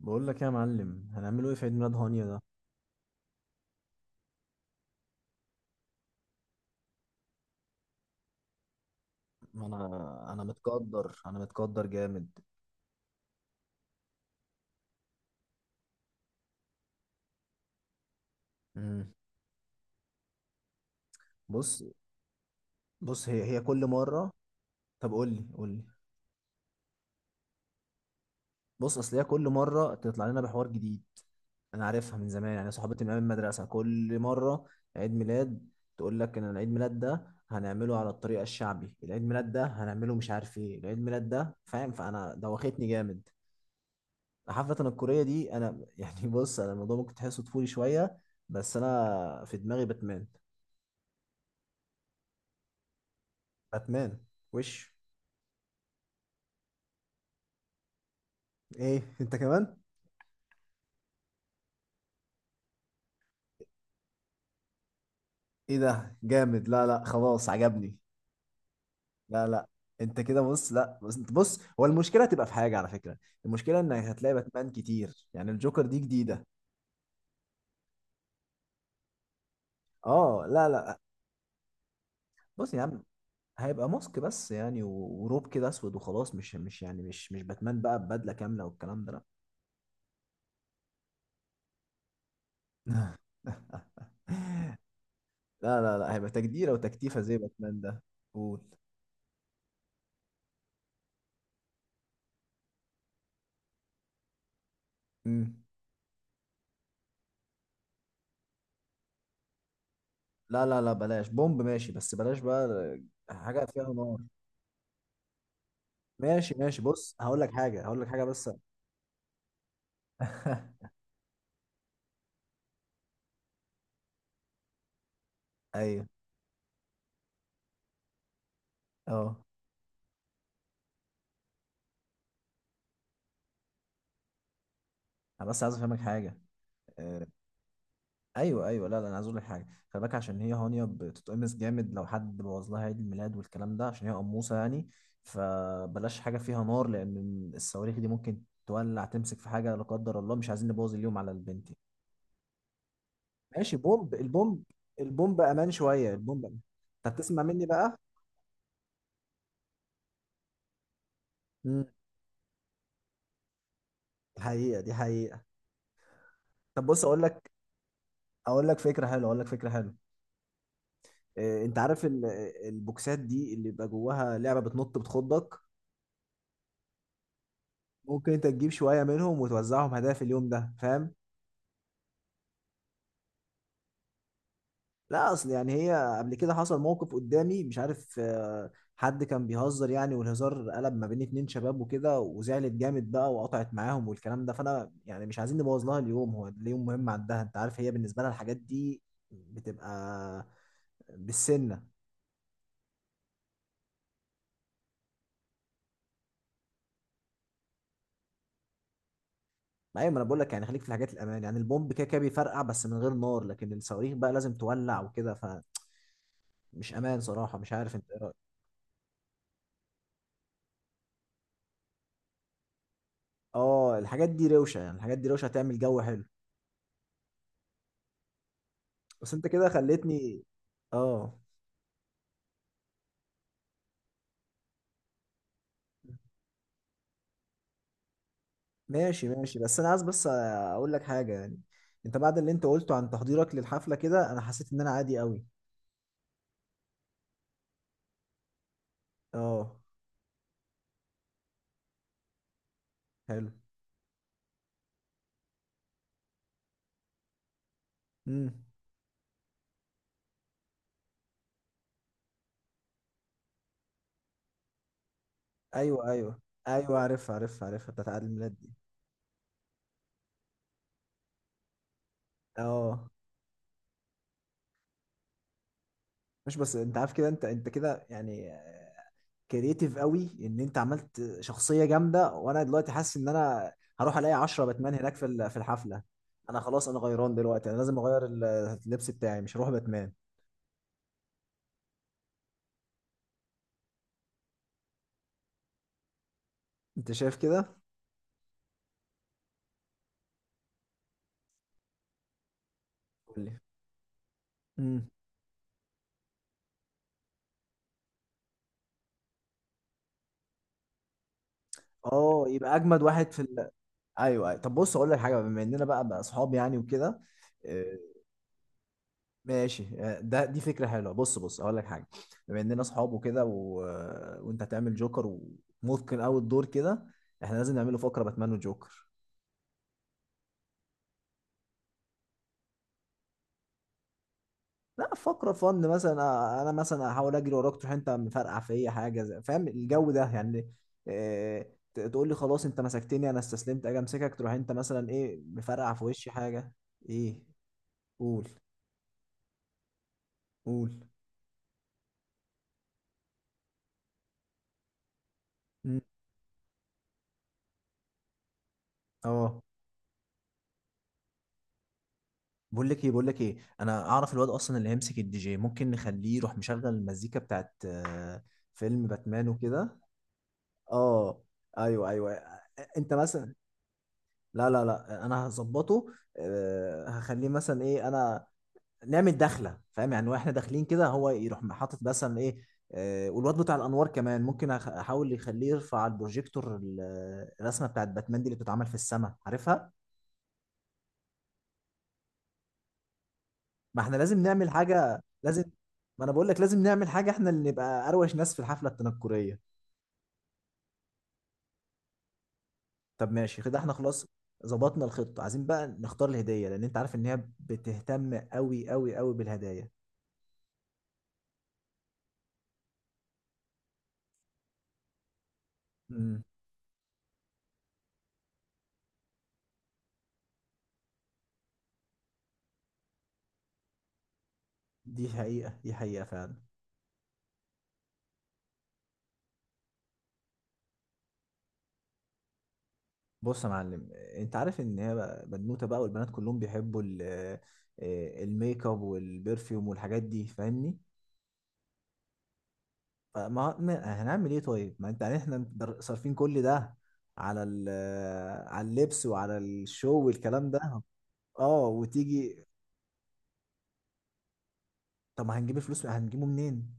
بقول لك يا معلم هنعمله ايه في عيد ميلاد هانيا ده؟ ما انا متقدر جامد. امم. بص بص هي كل مره. طب قول لي قول لي. بص اصل هي كل مره تطلع لنا بحوار جديد. انا عارفها من زمان، يعني صحابتي من ايام المدرسه، كل مره عيد ميلاد تقول لك ان العيد ميلاد ده هنعمله على الطريقه الشعبي، العيد ميلاد ده هنعمله مش عارف ايه، العيد ميلاد ده، فاهم؟ فانا دوختني جامد. حفلة الكورية دي أنا يعني بص، أنا الموضوع ممكن تحسه طفولي شوية، بس أنا في دماغي باتمان. باتمان. وش. إيه أنت كمان؟ إيه ده جامد، لا لا خلاص عجبني. لا لا. أنت كده بص، لا، بص أنت، بص هو المشكلة هتبقى في حاجة على فكرة. المشكلة إنك هتلاقي باتمان كتير، يعني الجوكر دي جديدة. أه لا لا. بص يا عم، هيبقى ماسك بس يعني وروب كده أسود وخلاص، مش يعني مش باتمان بقى ببدلة كاملة والكلام ده. لا. لا لا لا، هيبقى تجديرة وتكتيفة زي باتمان ده. قول. مم. لا لا لا، بلاش بومب، ماشي بس بلاش بقى. حاجة فيها نار. ماشي ماشي، بص هقول لك حاجة هقول لك حاجة بس. ايوه. اه انا بس عايز افهمك حاجة. آه. ايوه ايوه، لا لا، انا عايز اقول لك حاجة، خلي بالك عشان هي هانيا بتتقمص جامد لو حد بوظ لها عيد الميلاد والكلام ده، عشان هي قموصة يعني. فبلاش حاجة فيها نار، لأن الصواريخ دي ممكن تولع تمسك في حاجة لا قدر الله، مش عايزين نبوظ اليوم على البنت. ماشي بومب البومب. البومب امان شويه، البومب أمان. طب تسمع مني بقى. امم. حقيقه، دي حقيقه. طب بص، اقول لك فكره حلوه. إيه، انت عارف البوكسات دي اللي بيبقى جواها لعبه بتنط بتخضك؟ ممكن انت تجيب شويه منهم وتوزعهم هدايا في اليوم ده، فاهم؟ لا اصل يعني هي قبل كده حصل موقف قدامي، مش عارف، حد كان بيهزر يعني والهزار قلب ما بين اتنين شباب وكده، وزعلت جامد بقى وقطعت معاهم والكلام ده. فانا يعني مش عايزين نبوظ لها اليوم، هو اليوم مهم عندها، انت عارف، هي بالنسبه لها الحاجات دي بتبقى بالسنه. ايوه، ما انا بقول لك يعني خليك في الحاجات الامان، يعني البومب كده كده بيفرقع بس من غير نار، لكن الصواريخ بقى لازم تولع وكده، فمش امان صراحه، مش عارف انت ايه رايك. اه الحاجات دي روشه، يعني الحاجات دي روشه هتعمل جو حلو. بس انت كده خليتني. اه ماشي ماشي، بس انا عايز بس اقول لك حاجه يعني. انت بعد اللي انت قلته عن تحضيرك للحفله كده، انا حسيت ان انا عادي قوي. اه. حلو. امم. ايوه ايوه ايوه، عارفها عارفها عارفها بتاعت عيد الميلاد دي. اه، مش بس انت عارف كده، انت كده يعني، كرييتيف قوي، ان انت عملت شخصيه جامده، وانا دلوقتي حاسس ان انا هروح الاقي 10 باتمان هناك في الحفله. انا خلاص، انا غيران دلوقتي، انا لازم اغير اللبس بتاعي، مش هروح باتمان. انت شايف كده؟ قول لي. اه يبقى اجمد واحد ايوه ايوه. طب بص اقول لك حاجه، بما اننا بقى اصحاب يعني وكده، آه، ماشي ده دي فكره حلوه. بص اقول لك حاجه، بما اننا اصحاب وكده وانت هتعمل جوكر، ومتقن قوي الدور كده، احنا لازم نعمله فقره باتمان وجوكر. لا فقره فن مثلا، انا مثلا هحاول اجري وراك، تروح انت مفرقع فيا حاجه فاهم الجو ده يعني؟ آه، تقول لي خلاص انت مسكتني، انا استسلمت، اجي امسكك تروح انت مثلا ايه مفرقع في وشي حاجه. ايه. قول قول اه بقول لك ايه بقول لك ايه، انا اعرف الواد اصلا اللي هيمسك الدي جي، ممكن نخليه يروح مشغل المزيكا بتاعت فيلم باتمان وكده. اه ايوه ايوه. انت مثلا، لا لا لا انا هظبطه، هخليه مثلا ايه، انا نعمل دخله، فاهم يعني؟ واحنا داخلين كده هو يروح حاطط مثلا ايه، والواد بتاع الانوار كمان ممكن احاول يخليه يرفع على البروجيكتور الرسمه بتاعت باتمان دي اللي بتتعمل في السماء عارفها. ما احنا لازم نعمل حاجة، لازم. ما انا بقول لك لازم نعمل حاجة، احنا اللي نبقى اروش ناس في الحفلة التنكرية. طب ماشي كده، احنا خلاص ظبطنا الخطة، عايزين بقى نختار الهدية، لان انت عارف ان هي بتهتم قوي قوي قوي بالهدايا. امم. دي حقيقة، دي حقيقة فعلا. بص يا معلم، انت عارف ان هي بنوتة بقى، والبنات كلهم بيحبوا الميك اب والبرفيوم والحاجات دي، فاهمني؟ فما هنعمل ايه طيب، ما انت يعني احنا صارفين كل ده على ال على اللبس وعلى الشو والكلام ده. اه وتيجي. طب ما هنجيب الفلوس هنجيبه منين؟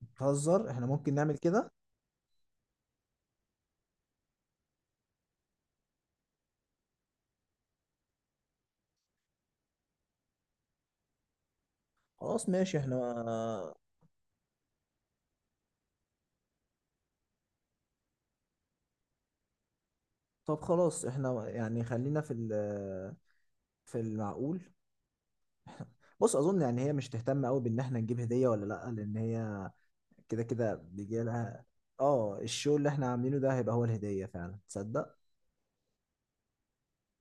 بتهزر، احنا ممكن نعمل كده. خلاص ماشي احنا. طب خلاص، احنا يعني خلينا في المعقول. بص اظن يعني هي مش تهتم قوي بان احنا نجيب هدية ولا لا، لان هي كده كده بيجي لها. اه الشو اللي احنا عاملينه ده هيبقى هو الهدية فعلا، تصدق؟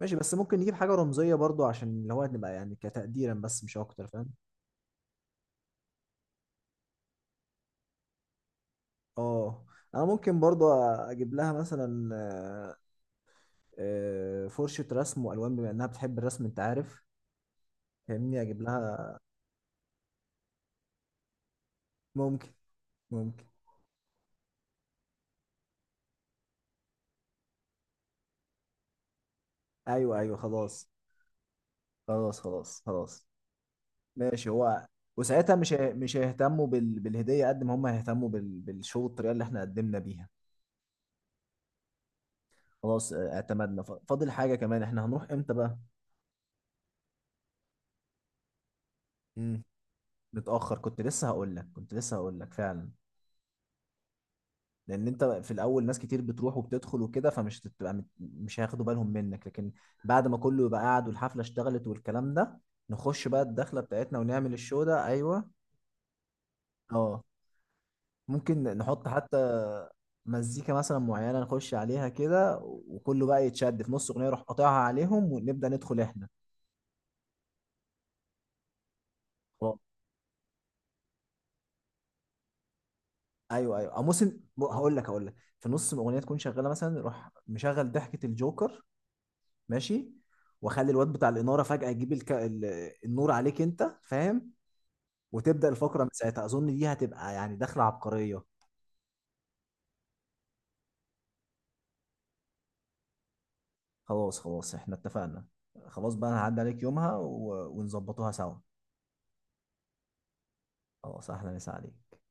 ماشي، بس ممكن نجيب حاجة رمزية برضو عشان اللي هو نبقى يعني كتقديرا بس، مش أكتر، فاهم؟ اه أنا ممكن برضو أجيب لها مثلا، آه، فرشة رسم وألوان، بما إنها بتحب الرسم أنت عارف، فاهمني؟ أجيب لها. ممكن. ممكن. أيوه أيوه خلاص. خلاص خلاص. خلاص ماشي هو، وساعتها مش هيهتموا بالهدية قد ما هم هيهتموا بالشو الطريقة اللي احنا قدمنا بيها. خلاص، اعتمدنا فاضل حاجة كمان، احنا هنروح امتى بقى؟ مم. متأخر، كنت لسه هقول لك كنت لسه هقول لك فعلا، لأن أنت في الأول ناس كتير بتروح وبتدخل وكده فمش تبقى مش هياخدوا بالهم منك، لكن بعد ما كله يبقى قاعد والحفلة اشتغلت والكلام ده، نخش بقى الدخلة بتاعتنا ونعمل الشو ده. أيوه. أه ممكن نحط حتى مزيكا مثلا معينة نخش عليها كده، وكله بقى يتشد في نص أغنية، يروح قاطعها عليهم ونبدأ ندخل إحنا. آه. ايوه ايوه، او موسم، هقول لك في نص الاغنيه تكون شغاله مثلا يروح مشغل ضحكه الجوكر. ماشي. واخلي الواد بتاع الاناره فجاه يجيب النور عليك انت، فاهم؟ وتبدا الفقره من ساعتها، اظن دي هتبقى يعني دخله عبقريه. خلاص خلاص احنا اتفقنا. خلاص بقى انا هعدي عليك يومها ونظبطوها سوا. خلاص، احلى مسا عليك.